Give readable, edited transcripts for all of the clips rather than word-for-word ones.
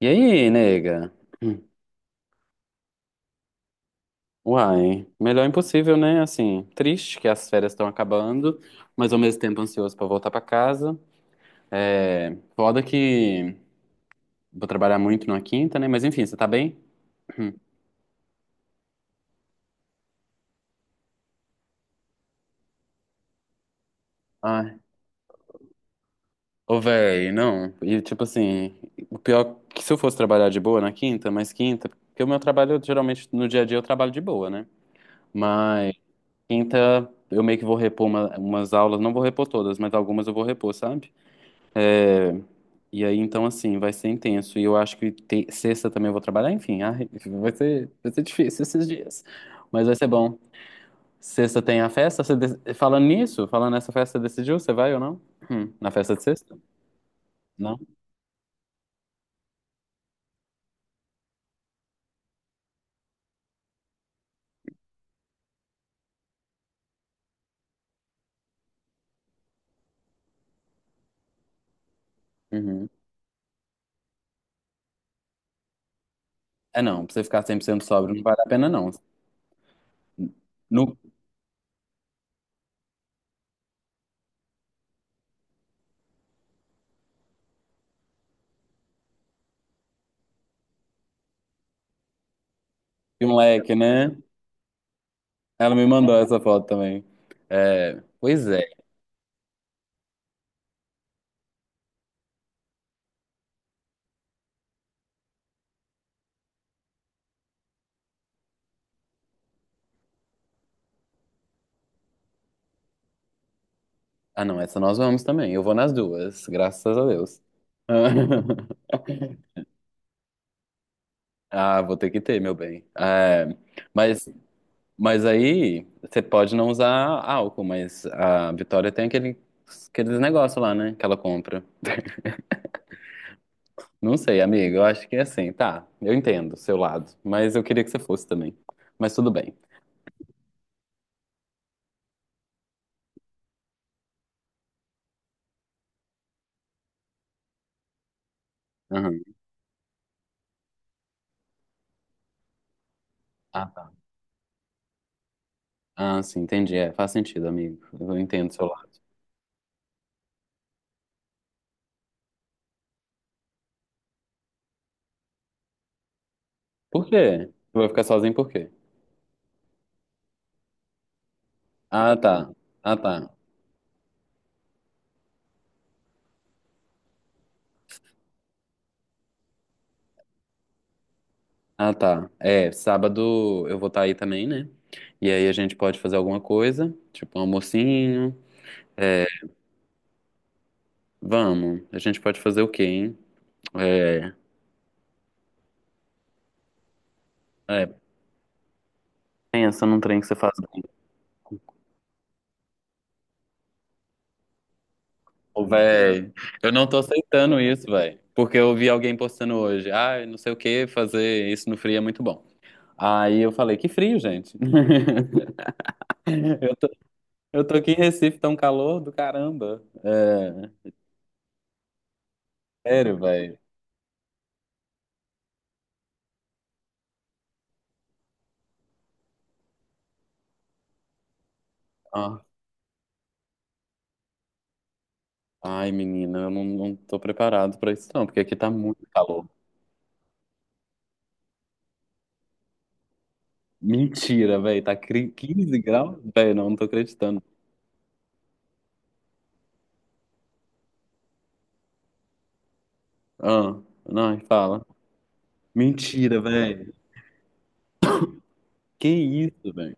E aí, nega? Hum. Uai, melhor impossível, né? Assim, triste que as férias estão acabando, mas ao mesmo tempo ansioso pra voltar pra casa. É, foda que vou trabalhar muito na quinta, né? Mas enfim, você tá bem? Hum. Ai, ô véi, não. E tipo assim, o pior é que se eu fosse trabalhar de boa na quinta, mas quinta, porque o meu trabalho geralmente no dia a dia eu trabalho de boa, né? Mas quinta eu meio que vou repor umas aulas, não vou repor todas, mas algumas eu vou repor, sabe? E aí, então, assim, vai ser intenso. E eu acho que sexta também eu vou trabalhar. Enfim, ai, vai ser difícil esses dias. Mas vai ser bom. Sexta tem a festa? Falando nisso, falando nessa festa, você decidiu? Você vai ou não? Na festa de sexta? Não? Uhum. É não, pra você ficar 100% sóbrio não vale a pena, não. No e um leque, né? Ela me mandou essa foto também. É, pois é. Ah, não, essa nós vamos também. Eu vou nas duas, graças a Deus. Ah, vou ter que ter, meu bem. É, mas, mas aí você pode não usar álcool, mas a Vitória tem aquele, aqueles negócios lá, né? Que ela compra. Não sei, amiga, eu acho que é assim, tá. Eu entendo o seu lado, mas eu queria que você fosse também. Mas tudo bem. Aham. Ah, tá. Ah, sim, entendi. É, faz sentido, amigo. Eu entendo o seu lado. Por quê? Tu vai ficar sozinho por quê? Ah, tá. Ah, tá. Ah, tá. É, sábado eu vou estar aí também, né? E aí a gente pode fazer alguma coisa, tipo um almocinho. É, vamos. A gente pode fazer o quê, hein? É, é, pensa num trem que você faz. Ô, véi, eu não tô aceitando isso, véi. Porque eu vi alguém postando hoje. Ah, não sei o que, fazer isso no frio é muito bom. Aí eu falei, que frio, gente. Eu tô, eu tô aqui em Recife, tá um calor do caramba. É, sério, véi. Ai, menina, eu não tô preparado pra isso, não, porque aqui tá muito calor. Mentira, velho, tá 15 graus? Velho, não tô acreditando. Ah, não, fala. Mentira, velho. Que isso, velho.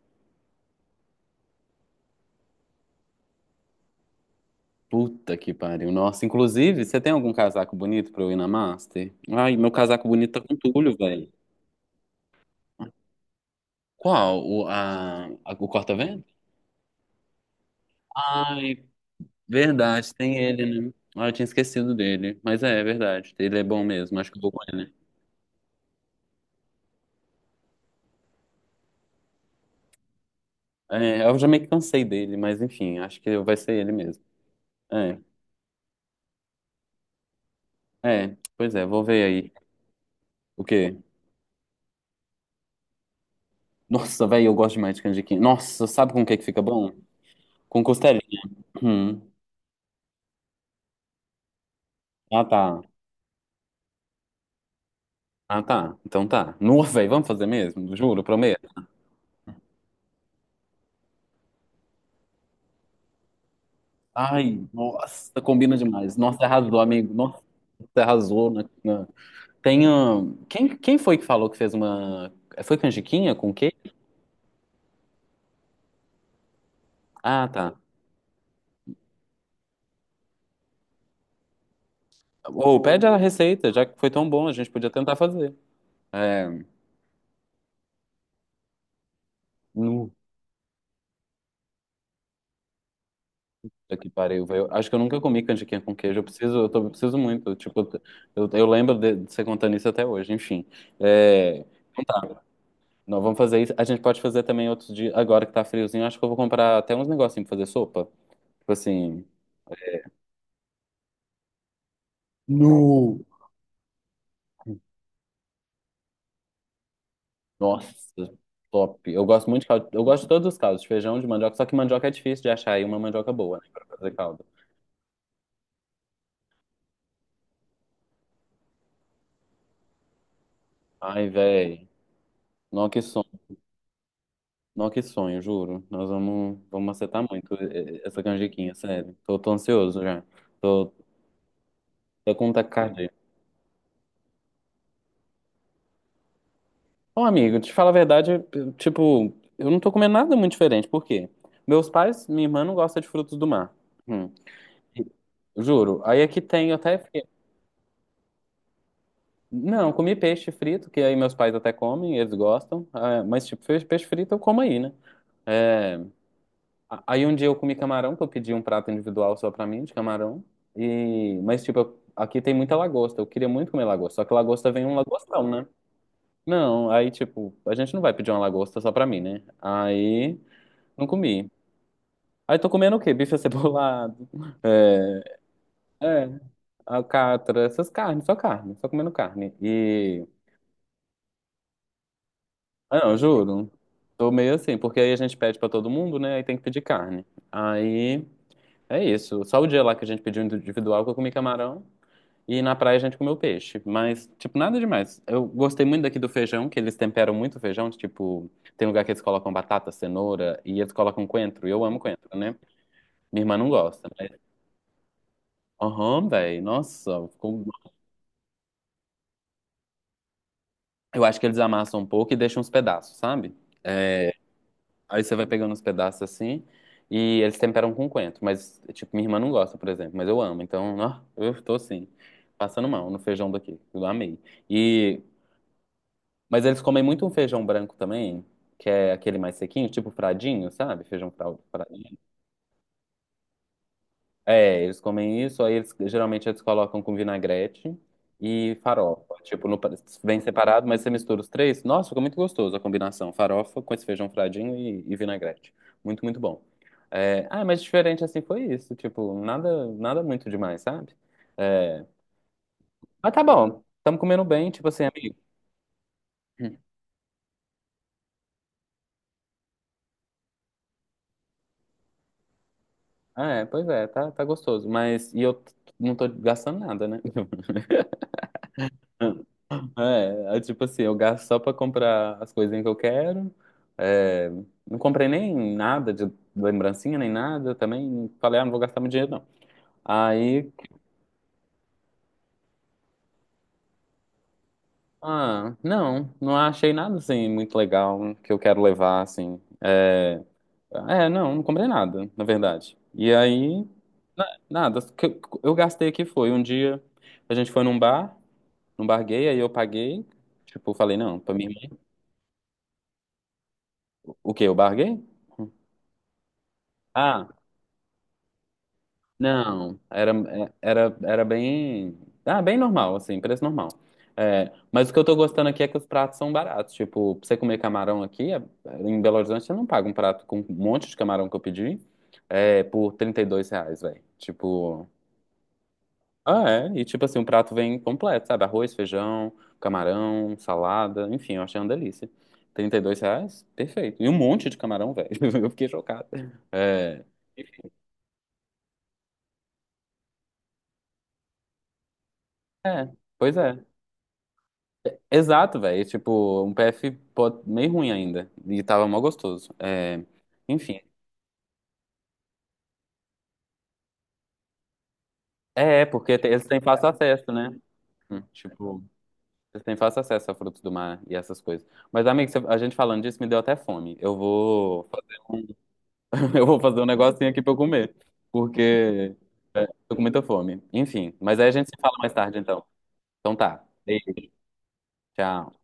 Puta que pariu. Nossa, inclusive, você tem algum casaco bonito pra eu ir na Master? Ai, meu casaco bonito tá com tule, velho. Qual? O corta-vento? Ai, verdade, tem ele, né? Ah, eu tinha esquecido dele. Mas é verdade, ele é bom mesmo, acho que eu vou com ele. É, eu já meio que cansei dele, mas enfim, acho que vai ser ele mesmo. É, é, pois é, vou ver aí. O quê? Nossa, velho, eu gosto demais de canjiquinha. Nossa, sabe com o que que fica bom? Com costelinha. Hum. Ah, tá. Ah, tá. Então tá. Nossa, velho, vamos fazer mesmo? Juro, prometo. Ai, nossa, combina demais. Nossa, arrasou, amigo. Nossa, você arrasou. Quem foi que falou que fez uma... Foi canjiquinha com o quê? Ah, tá. Ou pede a receita, já que foi tão bom, a gente podia tentar fazer. É. Nu, Puta que pariu, velho. Acho que eu nunca comi canjiquinha com queijo. Eu preciso, eu preciso muito. Tipo, eu lembro de você contando isso até hoje, enfim. É, então tá. Nós vamos fazer isso. A gente pode fazer também outros dias. Agora que tá friozinho, acho que eu vou comprar até uns negocinhos pra fazer sopa. Tipo assim. No. Nossa, top. Eu gosto muito de caldo. Eu gosto de todos os caldos, de feijão, de mandioca. Só que mandioca é difícil de achar aí uma mandioca boa, né? Pra fazer caldo. Ai, velho. Nossa, que sonho. Não, que sonho, juro. Nós vamos acertar muito essa canjiquinha, sério. Tô ansioso já. Tô, tô com taquicardia. Ô, amigo, te falo a verdade, eu, tipo, eu não tô comendo nada muito diferente. Por quê? Meus pais, minha irmã não gosta de frutos do mar. Hum, Juro. Aí aqui tem, eu até fiquei... Não, comi peixe frito, que aí meus pais até comem, eles gostam. Ah, mas, tipo, peixe frito eu como aí, né? É, Aí um dia eu comi camarão, que eu pedi um prato individual só pra mim, de camarão. Mas, tipo, aqui tem muita lagosta. Eu queria muito comer lagosta. Só que lagosta vem um lagostão, né? Não, aí, tipo, a gente não vai pedir uma lagosta só pra mim, né? Aí, não comi. Aí tô comendo o quê? Bife acebolado. É, é, alcatra, essas carnes, só carne, só comendo carne. Ah, não, juro, tô meio assim, porque aí a gente pede pra todo mundo, né? Aí tem que pedir carne. Aí, é isso. Só o dia lá que a gente pediu individual que eu comi camarão. E na praia a gente comeu peixe, mas, tipo, nada demais. Eu gostei muito daqui do feijão, que eles temperam muito o feijão, tipo, tem lugar que eles colocam batata, cenoura, e eles colocam coentro, e eu amo coentro, né? Minha irmã não gosta, mas, aham, velho, nossa, eu acho que eles amassam um pouco e deixam uns pedaços, sabe? É, aí você vai pegando uns pedaços assim, e eles temperam com coentro, mas, tipo, minha irmã não gosta, por exemplo, mas eu amo, então, ó, eu tô assim, passando mal no feijão daqui, eu amei. E Mas eles comem muito um feijão branco também, que é aquele mais sequinho, tipo fradinho, sabe? Feijão fradinho. É, eles comem isso, aí eles geralmente eles colocam com vinagrete e farofa. Tipo, no, vem separado, mas você mistura os três. Nossa, ficou muito gostoso a combinação. Farofa com esse feijão fradinho e vinagrete. Muito, muito bom. É, ah, mas diferente assim foi isso. Tipo, nada, nada muito demais, sabe? É, mas tá bom. Estamos comendo bem, tipo assim, amigo. Hum. Ah, é, pois é, tá gostoso. Mas, não tô gastando nada, né? É, é tipo assim, eu gasto só pra comprar as coisinhas que eu quero. É, não comprei nem nada de lembrancinha, nem nada. Também falei, ah, não vou gastar meu dinheiro, não. Aí, ah, não achei nada, assim, muito legal que eu quero levar, assim. É, é, não comprei nada, na verdade. E aí, nada. O que eu gastei aqui foi um dia, a gente foi num bar. Não barguei, aí eu paguei. Tipo, falei, não, pra minha irmã. O quê? Eu barguei? Ah, não. Era bem. Ah, bem normal, assim, preço normal. É, mas o que eu tô gostando aqui é que os pratos são baratos. Tipo, pra você comer camarão aqui, em Belo Horizonte, você não paga um prato com um monte de camarão que eu pedi por R$ 32, velho. Tipo. Ah, é. E tipo assim, o prato vem completo, sabe? Arroz, feijão, camarão, salada, enfim, eu achei uma delícia. R$ 32? Perfeito. E um monte de camarão, velho. Eu fiquei chocado. É, é, pois é. Exato, velho. Tipo, um PF meio ruim ainda. E tava mó gostoso. É, enfim. É, é, porque eles têm fácil acesso, né? Tipo, eles têm fácil acesso a frutos do mar e essas coisas. Mas, amigo, a gente falando disso me deu até fome. Eu vou. Fazer um Eu vou fazer um negocinho aqui pra eu comer, porque tô com muita fome. Enfim, mas aí a gente se fala mais tarde, então. Então tá. Beijo, tchau.